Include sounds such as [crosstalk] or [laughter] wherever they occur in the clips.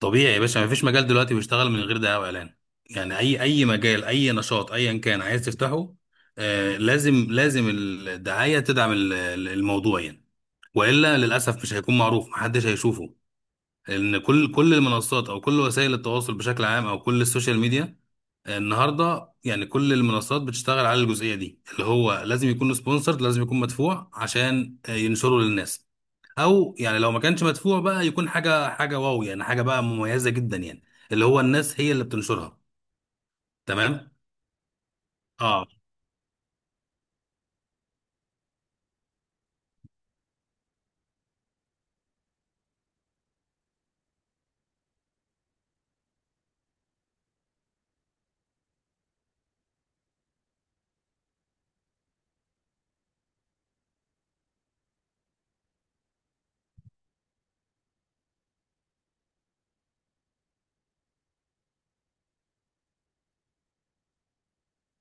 طبيعي يا باشا مفيش مجال دلوقتي بيشتغل من غير دعايه واعلان. يعني اي مجال اي نشاط ايا كان عايز تفتحه. لازم الدعايه تدعم الموضوع يعني، والا للاسف مش هيكون معروف محدش هيشوفه، لان كل المنصات او كل وسائل التواصل بشكل عام او كل السوشيال ميديا. النهارده يعني كل المنصات بتشتغل على الجزئيه دي، اللي هو لازم يكون سبونسرد لازم يكون مدفوع عشان ينشره للناس، او يعني لو ما كانش مدفوع بقى يكون حاجه واو، يعني حاجه بقى مميزه جدا يعني، اللي هو الناس هي اللي بتنشرها. تمام. اه.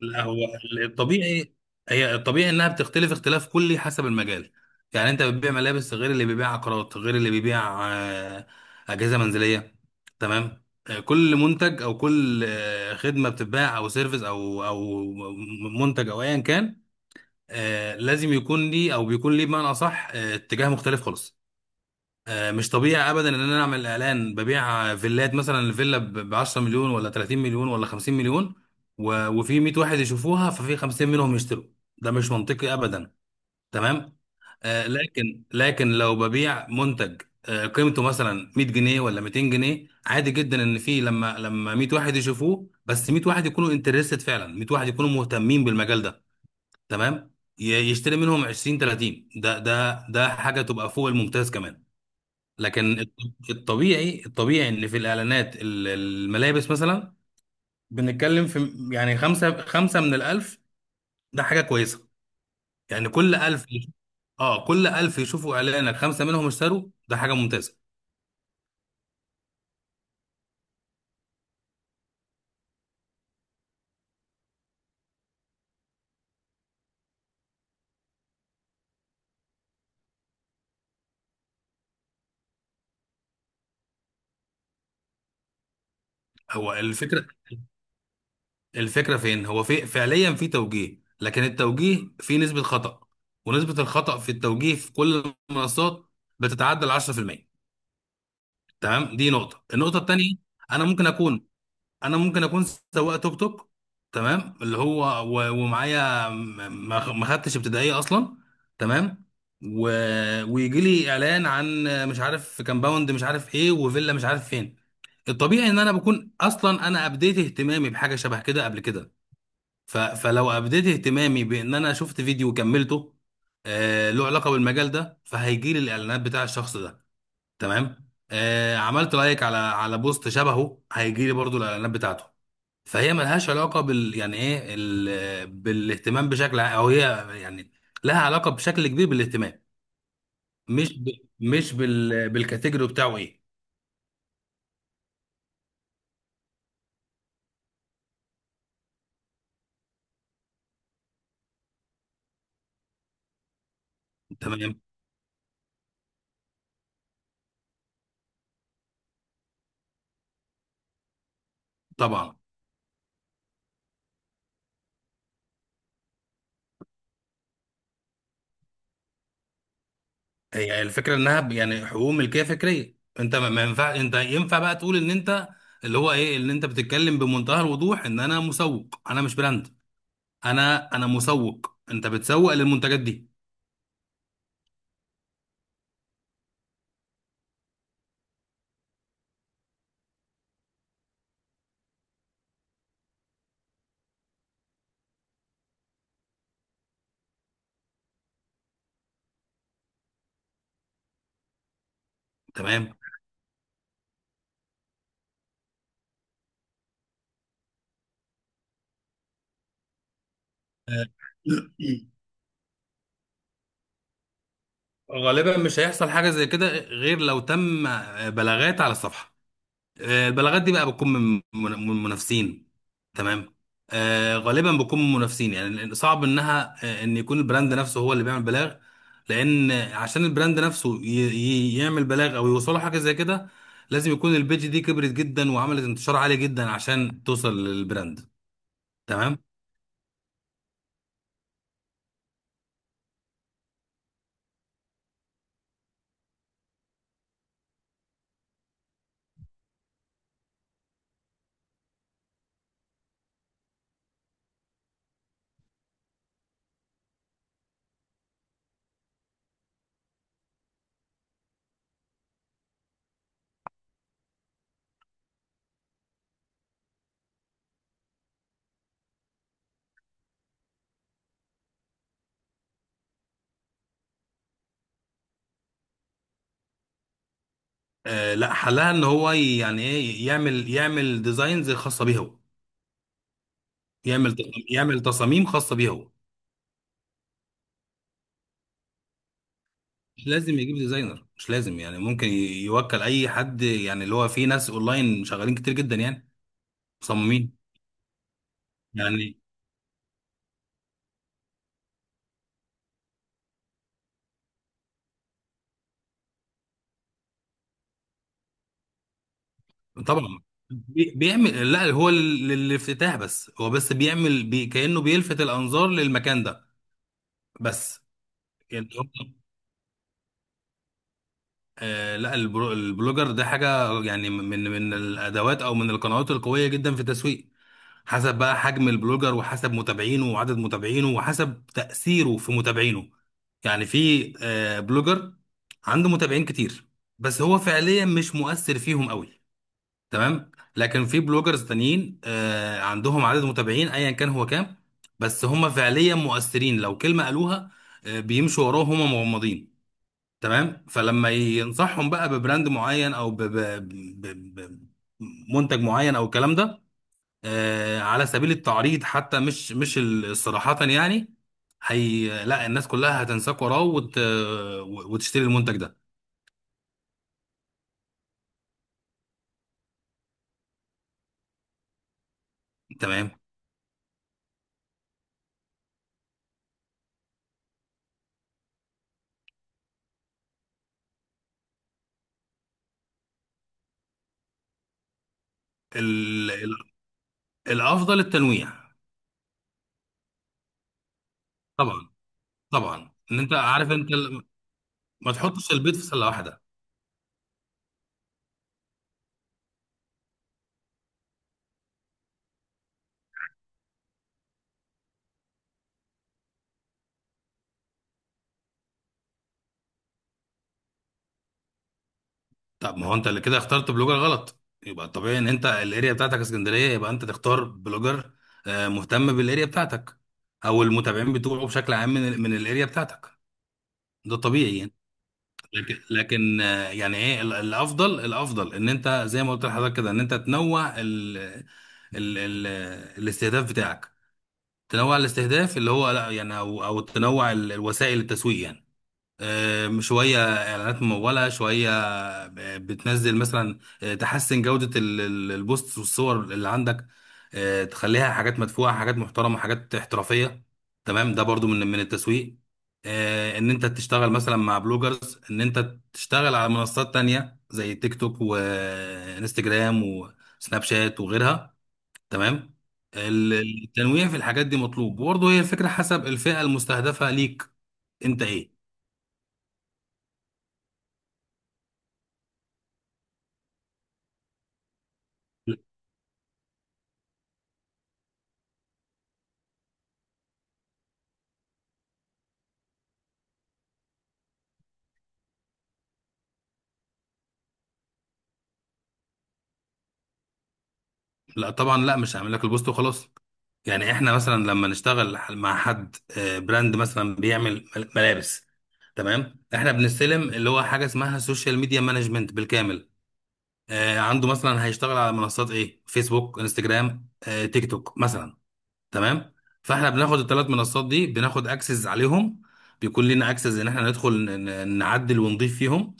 لا، هو الطبيعي هي الطبيعي انها بتختلف اختلاف كلي حسب المجال. يعني انت بتبيع ملابس غير اللي بيبيع عقارات غير اللي بيبيع اجهزه منزليه. تمام. كل منتج او كل خدمه بتتباع او سيرفيس او منتج او ايا كان لازم يكون ليه او بيكون ليه بمعنى اصح اتجاه مختلف خالص. مش طبيعي ابدا ان انا اعمل اعلان ببيع فيلات، مثلا الفيلا ب 10 مليون ولا 30 مليون ولا 50 مليون، وفي 100 واحد يشوفوها ففي 50 منهم يشتروا. ده مش منطقي ابدا. تمام. لكن لو ببيع منتج قيمته مثلا 100 جنيه ولا 200 جنيه، عادي جدا ان في، لما 100 واحد يشوفوه بس 100 واحد يكونوا انترستد فعلا، 100 واحد يكونوا مهتمين بالمجال ده. تمام. يشتري منهم 20 30، ده حاجه تبقى فوق الممتاز كمان. لكن الطبيعي ان في الاعلانات الملابس، مثلا بنتكلم في يعني خمسة من الألف، ده حاجة كويسة. يعني كل ألف يشوفوا إعلانك خمسة منهم اشتروا، ده حاجة ممتازة. هو الفكرة الفكرة فين، هو في فعليا في توجيه، لكن التوجيه فيه نسبة خطأ، ونسبة الخطأ في التوجيه في كل المنصات بتتعدى ال 10%. تمام، دي النقطة التانية، أنا ممكن أكون انا ممكن اكون سواق توك توك، تمام، اللي هو، ومعايا، ما خدتش ابتدائيه اصلا، تمام، و... ويجي لي اعلان عن مش عارف كامباوند مش عارف ايه وفيلا مش عارف فين. الطبيعي ان انا بكون اصلا انا ابديت اهتمامي بحاجه شبه كده قبل كده. فلو ابديت اهتمامي بان انا شفت فيديو وكملته، له علاقه بالمجال ده، فهيجي لي الاعلانات بتاع الشخص ده. تمام. عملت لايك على بوست شبهه، هيجي لي برضو الاعلانات بتاعته. فهي ملهاش علاقه بال، يعني ايه بالاهتمام بشكل او هي يعني لها علاقه بشكل كبير بالاهتمام، مش ب... مش بالكاتيجوري بتاعه ايه. تمام. طبعا. هي الفكره انها يعني حقوق ملكيه فكريه، انت ما ينفع، انت ينفع بقى تقول ان انت، اللي هو ايه، اللي انت بتتكلم بمنتهى الوضوح ان انا مسوق انا مش براند، انا مسوق، انت بتسوق للمنتجات دي. تمام. [coughs] [clears throat] غالبا مش هيحصل حاجه زي كده غير لو تم بلاغات على الصفحه. البلاغات دي بقى بتكون من منافسين. تمام. غالبا بتكون من منافسين، يعني لأن صعب انها، ان يكون البراند نفسه هو اللي بيعمل بلاغ، لان عشان البراند نفسه يعمل بلاغ او يوصله حاجه زي كده، لازم يكون البيج دي كبرت جدا وعملت انتشار عالي جدا عشان توصل للبراند. تمام. لا، حلها ان هو يعني ايه، يعمل ديزاينز خاصه بيه هو، يعمل يعمل تصاميم خاصه بيه هو. مش لازم يجيب ديزاينر، مش لازم، يعني ممكن يوكل اي حد، يعني اللي هو في ناس اونلاين شغالين كتير جدا يعني، مصممين. يعني طبعا بيعمل، لا هو للافتتاح بس، هو بس بيعمل بي كأنه بيلفت الانظار للمكان ده بس. يعني آه لا البلوجر ده حاجة، يعني من الادوات او من القنوات القوية جدا في التسويق، حسب بقى حجم البلوجر وحسب متابعينه وعدد متابعينه وحسب تأثيره في متابعينه. يعني في بلوجر عنده متابعين كتير بس هو فعليا مش مؤثر فيهم قوي. تمام. لكن في بلوجرز تانيين عندهم عدد متابعين ايا كان هو كام، بس هم فعليا مؤثرين، لو كلمة قالوها بيمشوا وراهم هم مغمضين. تمام. فلما ينصحهم بقى ببراند معين او ب- ب- منتج معين او الكلام ده، على سبيل التعريض حتى، مش صراحة يعني، هي لا، الناس كلها هتنساك وراه وتشتري المنتج ده. تمام. ال... ال... الافضل التنويع. طبعا طبعا، ان انت عارف انت ما تحطش البيض في سله واحده. طب ما هو انت اللي كده اخترت بلوجر غلط. يبقى الطبيعي ان انت الاريا بتاعتك اسكندريه، يبقى انت تختار بلوجر مهتم بالاريا بتاعتك، او المتابعين بتوعه بشكل عام من الاريا بتاعتك. ده طبيعي يعني. لكن يعني ايه، الافضل ان انت، زي ما قلت لحضرتك كده، ان انت تنوع ال الاستهداف بتاعك. تنوع الاستهداف، اللي هو لا يعني، او تنوع الوسائل التسويق يعني. شوية إعلانات ممولة، شوية بتنزل، مثلا تحسن جودة البوست والصور اللي عندك، تخليها حاجات مدفوعة، حاجات محترمة، حاجات احترافية. تمام، ده برضو من التسويق. إن أنت تشتغل مثلا مع بلوجرز، إن أنت تشتغل على منصات تانية زي تيك توك وإنستجرام وسناب شات وغيرها. تمام. ال- التنويع في الحاجات دي مطلوب، وبرضه هي الفكرة حسب الفئة المستهدفة ليك. أنت إيه؟ لا طبعا، لا، مش هعمل لك البوست وخلاص. يعني احنا مثلا لما نشتغل مع حد براند مثلا بيعمل ملابس، تمام، احنا بنستلم اللي هو حاجه اسمها سوشيال ميديا مانجمنت بالكامل. عنده مثلا هيشتغل على منصات ايه، فيسبوك انستجرام تيك توك مثلا. تمام. فاحنا بناخد الثلاث منصات دي، بناخد اكسس عليهم، بيكون لنا اكسس ان احنا ندخل نعدل ونضيف فيهم.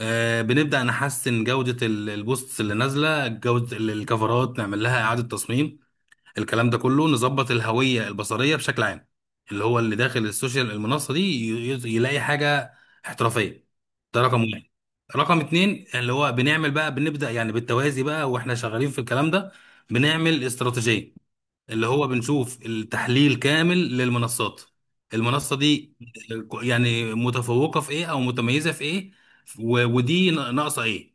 بنبدا نحسن جوده البوستس اللي نازله، جوده الكفرات نعمل لها اعاده تصميم، الكلام ده كله، نظبط الهوية البصرية بشكل عام، اللي هو اللي داخل السوشيال المنصة دي يلاقي حاجة احترافية. ده رقم واحد. رقم اتنين، اللي هو بنعمل بقى، بنبدأ يعني بالتوازي بقى واحنا شغالين في الكلام ده، بنعمل استراتيجية، اللي هو بنشوف التحليل كامل للمنصات. المنصة دي يعني متفوقة في ايه او متميزة في ايه، ودي ناقصة ايه.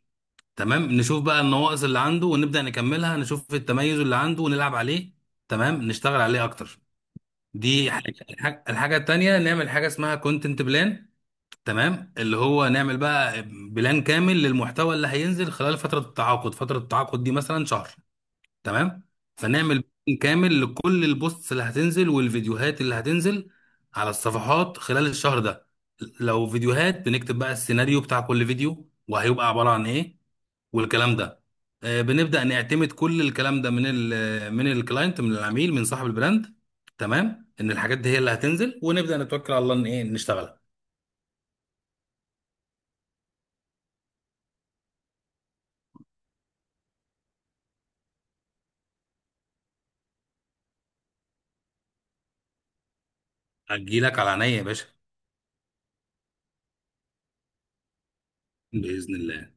تمام، نشوف بقى النواقص اللي عنده ونبدأ نكملها، نشوف التميز اللي عنده ونلعب عليه، تمام، نشتغل عليه اكتر. دي حاجة. الحاجة التانية، نعمل حاجة اسمها كونتنت بلان. تمام، اللي هو نعمل بقى بلان كامل للمحتوى اللي هينزل خلال فترة التعاقد دي مثلا شهر. تمام، فنعمل بلان كامل لكل البوستس اللي هتنزل والفيديوهات اللي هتنزل على الصفحات خلال الشهر ده. لو فيديوهات بنكتب بقى السيناريو بتاع كل فيديو وهيبقى عبارة عن ايه والكلام ده. بنبدأ نعتمد كل الكلام ده من الكلاينت، من العميل، من صاحب البراند، تمام، ان الحاجات دي هي اللي هتنزل، ونبدأ نتوكل على الله ان ايه نشتغلها. هتجيلك على عينيا يا باشا، بإذن الله.